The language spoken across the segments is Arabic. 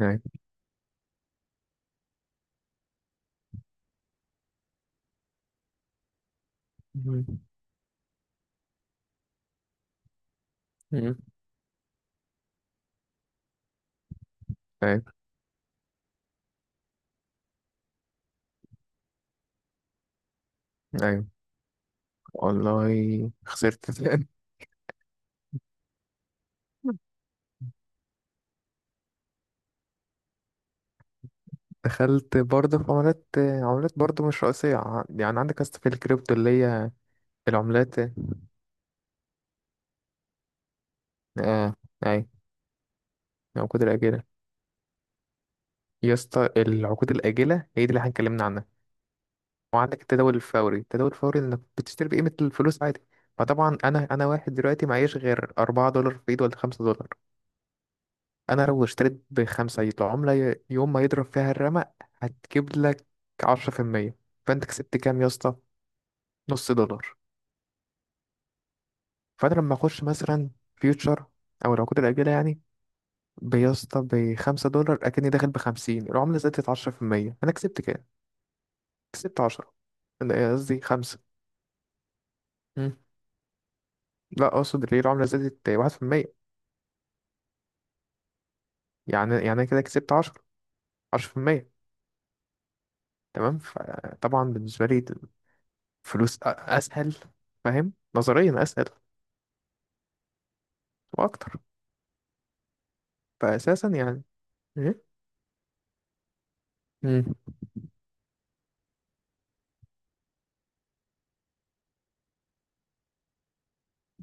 أيوة. أمم. أيوة، أيوة. والله خسرت تاني. دخلت برضه في عملات، عملات برضه مش رئيسية. يعني عندك يا اسطى في الكريبتو اللي هي العملات، آه. أيوة. العقود الآجلة، يا اسطى العقود الآجلة هي دي اللي احنا اتكلمنا عنها. وعندك التداول الفوري، التداول الفوري إنك بتشتري بقيمة الفلوس عادي. فطبعا أنا واحد دلوقتي معيش غير $4 في إيد ولا $5. انا لو اشتريت ب$5 العملة يوم ما يضرب فيها الرمق هتجيب لك 10%. فانت كسبت كام يا اسطى؟ نص دولار. فانا لما اخش مثلا فيوتشر او العقود الاجلة يعني، بيسطى ب$5 اكني داخل ب50، العملة زادت 10%، انا كسبت كام؟ كسبت 10. لا، قصدي خمسة. مم. لا اقصد، ليه العملة زادت 1%، يعني أنا كده كسبت 10، 10%. تمام. فطبعا بالنسبة لي فلوس اسهل، فاهم؟ نظريا اسهل. واكتر. فأساسا يعني. إيه؟ مم.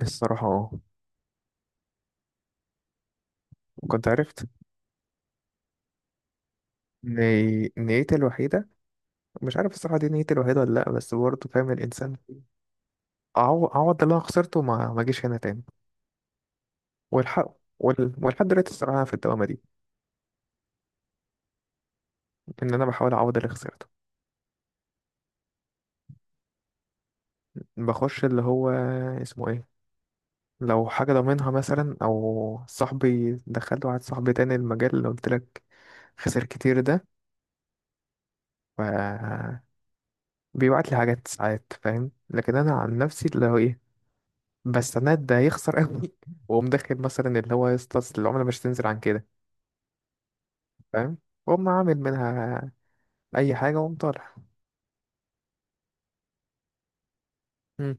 الصراحة اه، كنت عرفت. إن نيتي الوحيدة، مش عارف الصراحة دي نيتي الوحيدة ولا لأ، بس برضه فاهم الإنسان. أعو- أعوض اللي أنا خسرته، ما أجيش هنا تاني. والحق ولحد دلوقتي الصراحة أنا في الدوامة دي، إن أنا بحاول أعوض اللي خسرته. بخش اللي هو اسمه إيه، لو حاجة ضامنها مثلا، أو صاحبي. دخلت واحد صاحبي تاني، المجال اللي قلت لك خسر كتير ده. ف بيبعت لي حاجات ساعات، فاهم؟ لكن أنا عن نفسي اللي هو إيه، بس سند ده هيخسر قوي وقوم داخل مثلا اللي هو، يسطس العملة مش تنزل عن كده، فاهم؟ وقوم عامل منها أي حاجة، وقوم طالع. مم.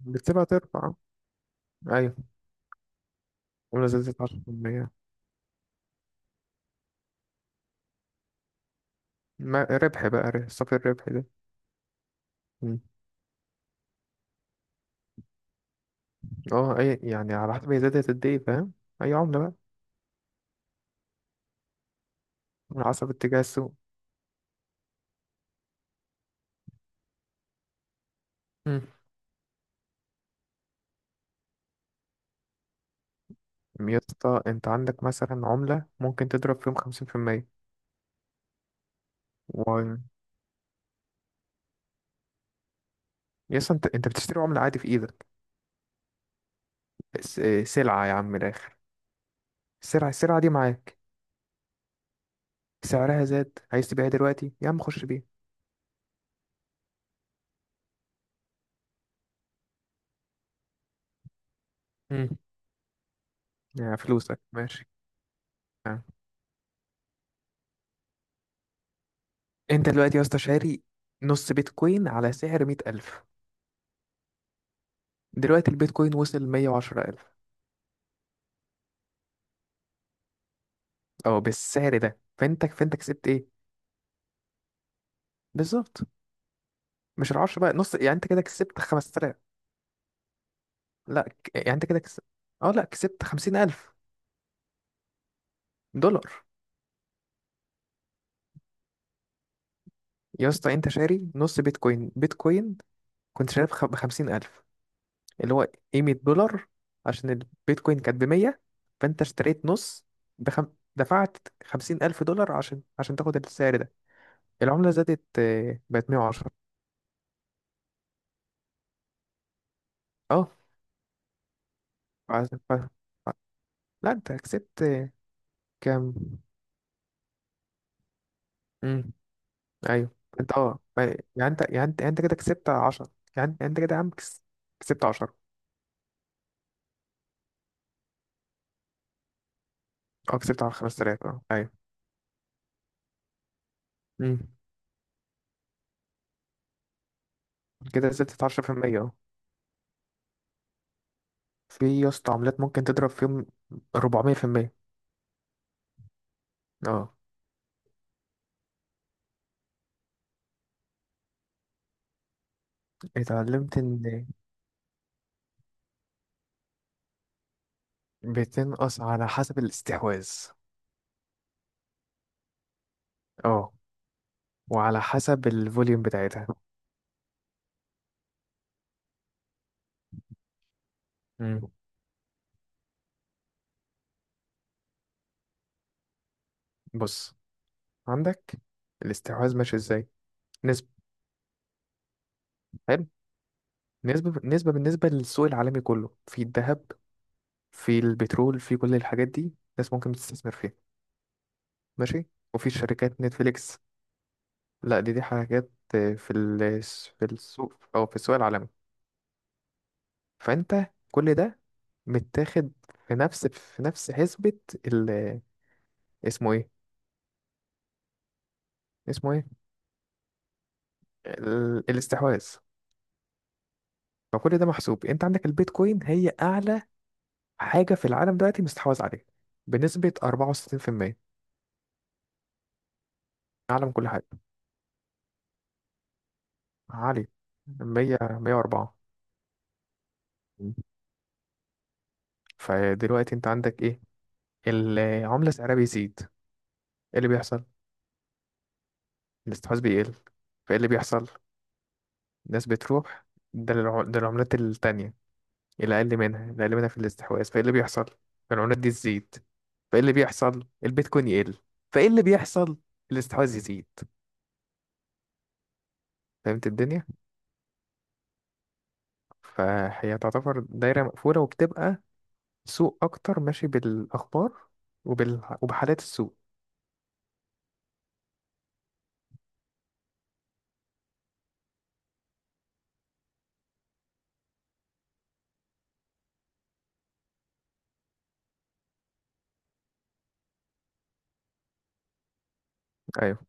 بتسيبها ترفع، أيوة. عملة زادت عشرة في المية، ما ربح بقى، صافي الربح ده. مم. اه، أي يعني على حسب هي زادت قد إيه، فاهم؟ أي عملة بقى. على حسب اتجاه السوق. مم. يا اسطى أنت عندك مثلا عملة ممكن تضرب فيهم 50%. و يا اسطى أنت بتشتري عملة عادي في إيدك، سلعة يا عم من الآخر. السلعة، السلعة دي معاك، سعرها زاد، عايز تبيعها دلوقتي يا عم خش بيها. مم. يا فلوسك ماشي. آه. انت دلوقتي يا اسطى شاري نص بيتكوين على سعر 100,000. دلوقتي البيتكوين وصل 110,000، أو بالسعر ده، فأنت كسبت إيه؟ بالظبط. مش العشرة بقى نص، يعني أنت كده كسبت 5,000. لا، يعني أنت كده كسبت، أه لا، كسبت $50,000. يا اسطى أنت شاري نص بيتكوين، كنت شاريه ب50,000، اللي هو ايه، $100، عشان البيتكوين كانت ب 100. فانت اشتريت نص بخم... دفعت 50 الف دولار عشان تاخد السعر ده. العملة زادت آه، بقت 110. اه. عز- ف... لا انت كسبت آه، كام. امم. ايوه. انت اه، يعني انت كده كسبت 10. يعني انت كده يا عم كسبت 10. اه، كسبت على 5000، اه ايوه. امم. كده زادت 10%، اه. في يا اسطى عملات ممكن تضرب فيهم 400%، اه. اتعلمت ان بتنقص على حسب الاستحواذ. اه. وعلى حسب الفوليوم بتاعتها. مم. بص، عندك، الاستحواذ ماشي ازاي؟ نسبة، حلو. نسبة بالنسبة للسوق العالمي كله، في الذهب، في البترول، في كل الحاجات دي الناس ممكن تستثمر فيها. ماشي. وفي شركات نتفليكس. لا دي، دي حاجات آه، في السوق، او في السوق العالمي. فانت كل ده متاخد في نفس حسبة ال، اسمه ايه، اسمه ايه، الاستحواذ. فكل ده محسوب، انت عندك البيتكوين هي اعلى حاجه في العالم دلوقتي، مستحوذ عليها بنسبه 64%، اعلى من كل حاجه. عالي، 100، 104. فدلوقتي انت عندك ايه؟ العمله سعرها بيزيد، ايه اللي بيحصل؟ الاستحواذ بيقل. فايه اللي بيحصل؟ الناس بتروح، ده للعملات التانية، اللي اقل منها في الاستحواذ. فايه اللي بيحصل؟ العملات دي تزيد. فايه اللي بيحصل؟ البيتكوين يقل. فايه اللي بيحصل؟ الاستحواذ يزيد. فهمت الدنيا. فهي تعتبر دايرة مقفولة، وبتبقى سوق أكتر، ماشي بالأخبار وبحالات السوق. أيوة.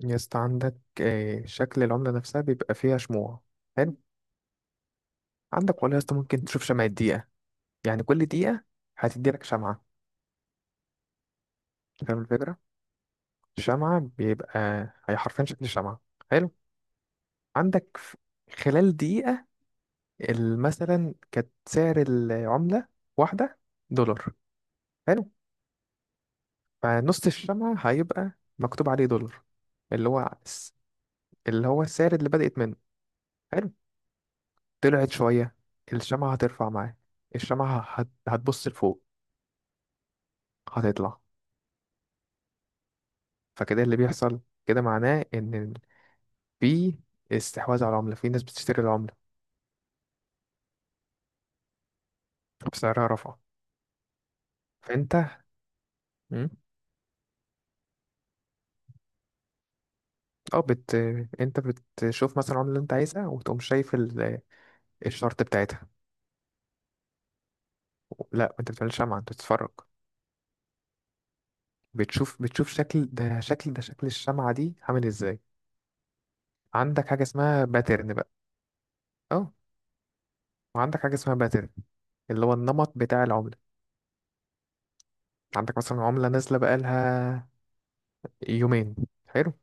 يا اسطى عندك آه، شكل العملة نفسها بيبقى فيها شموع. حلو. عندك والله يا اسطى ممكن تشوف شمعة دقيقة، يعني كل دقيقة هتديلك شمعة. فاهم الفكرة؟ شمعة بيبقى، هي حرفيا شكل شمعة، حلو. عندك خلال دقيقة مثلا كانت سعر العملة واحدة دولار، حلو. فنص الشمعة هيبقى مكتوب عليه دولار، اللي هو اللي هو السعر اللي بدأت منه، حلو. طلعت شوية، الشمعة هترفع معاه، الشمعة هتبص لفوق، هتطلع. فكده اللي بيحصل، كده معناه إن في استحواذ على العملة، في ناس بتشتري العملة بسعرها رفع. فأنت مم، اه بت انت بتشوف مثلا العملة اللي انت عايزها، وتقوم شايف الشرط بتاعتها. لا انت بتعمل شمعة، انت بتتفرج، بتشوف شكل شكل الشمعة دي عامل ازاي. عندك حاجة اسمها باترن بقى، اه. وعندك حاجة اسمها باترن، اللي هو النمط بتاع العملة. عندك مثلا عملة نازلة بقالها يومين، حلو.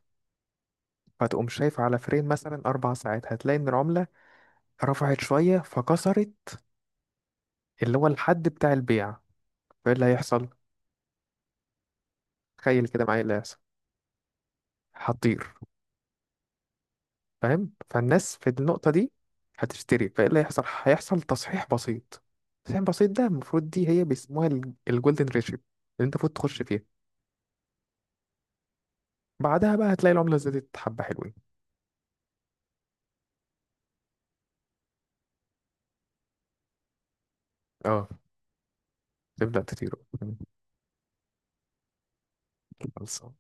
فتقوم شايف على فريم مثلا 4 ساعات، هتلاقي إن العملة رفعت شوية، فكسرت اللي هو الحد بتاع البيع. فإيه اللي هيحصل؟ تخيل كده معايا، إيه اللي هيحصل؟ هتطير. فاهم؟ فالناس في النقطة دي هتشتري. فإيه اللي هيحصل؟ هيحصل تصحيح بسيط، تصحيح بسيط ده المفروض، دي هي بيسموها الجولدن ريشيو، اللي أنت المفروض تخش فيها. بعدها بقى هتلاقي العملة زادت حبة حلوين، اه. تبدأ تطير. خلاص.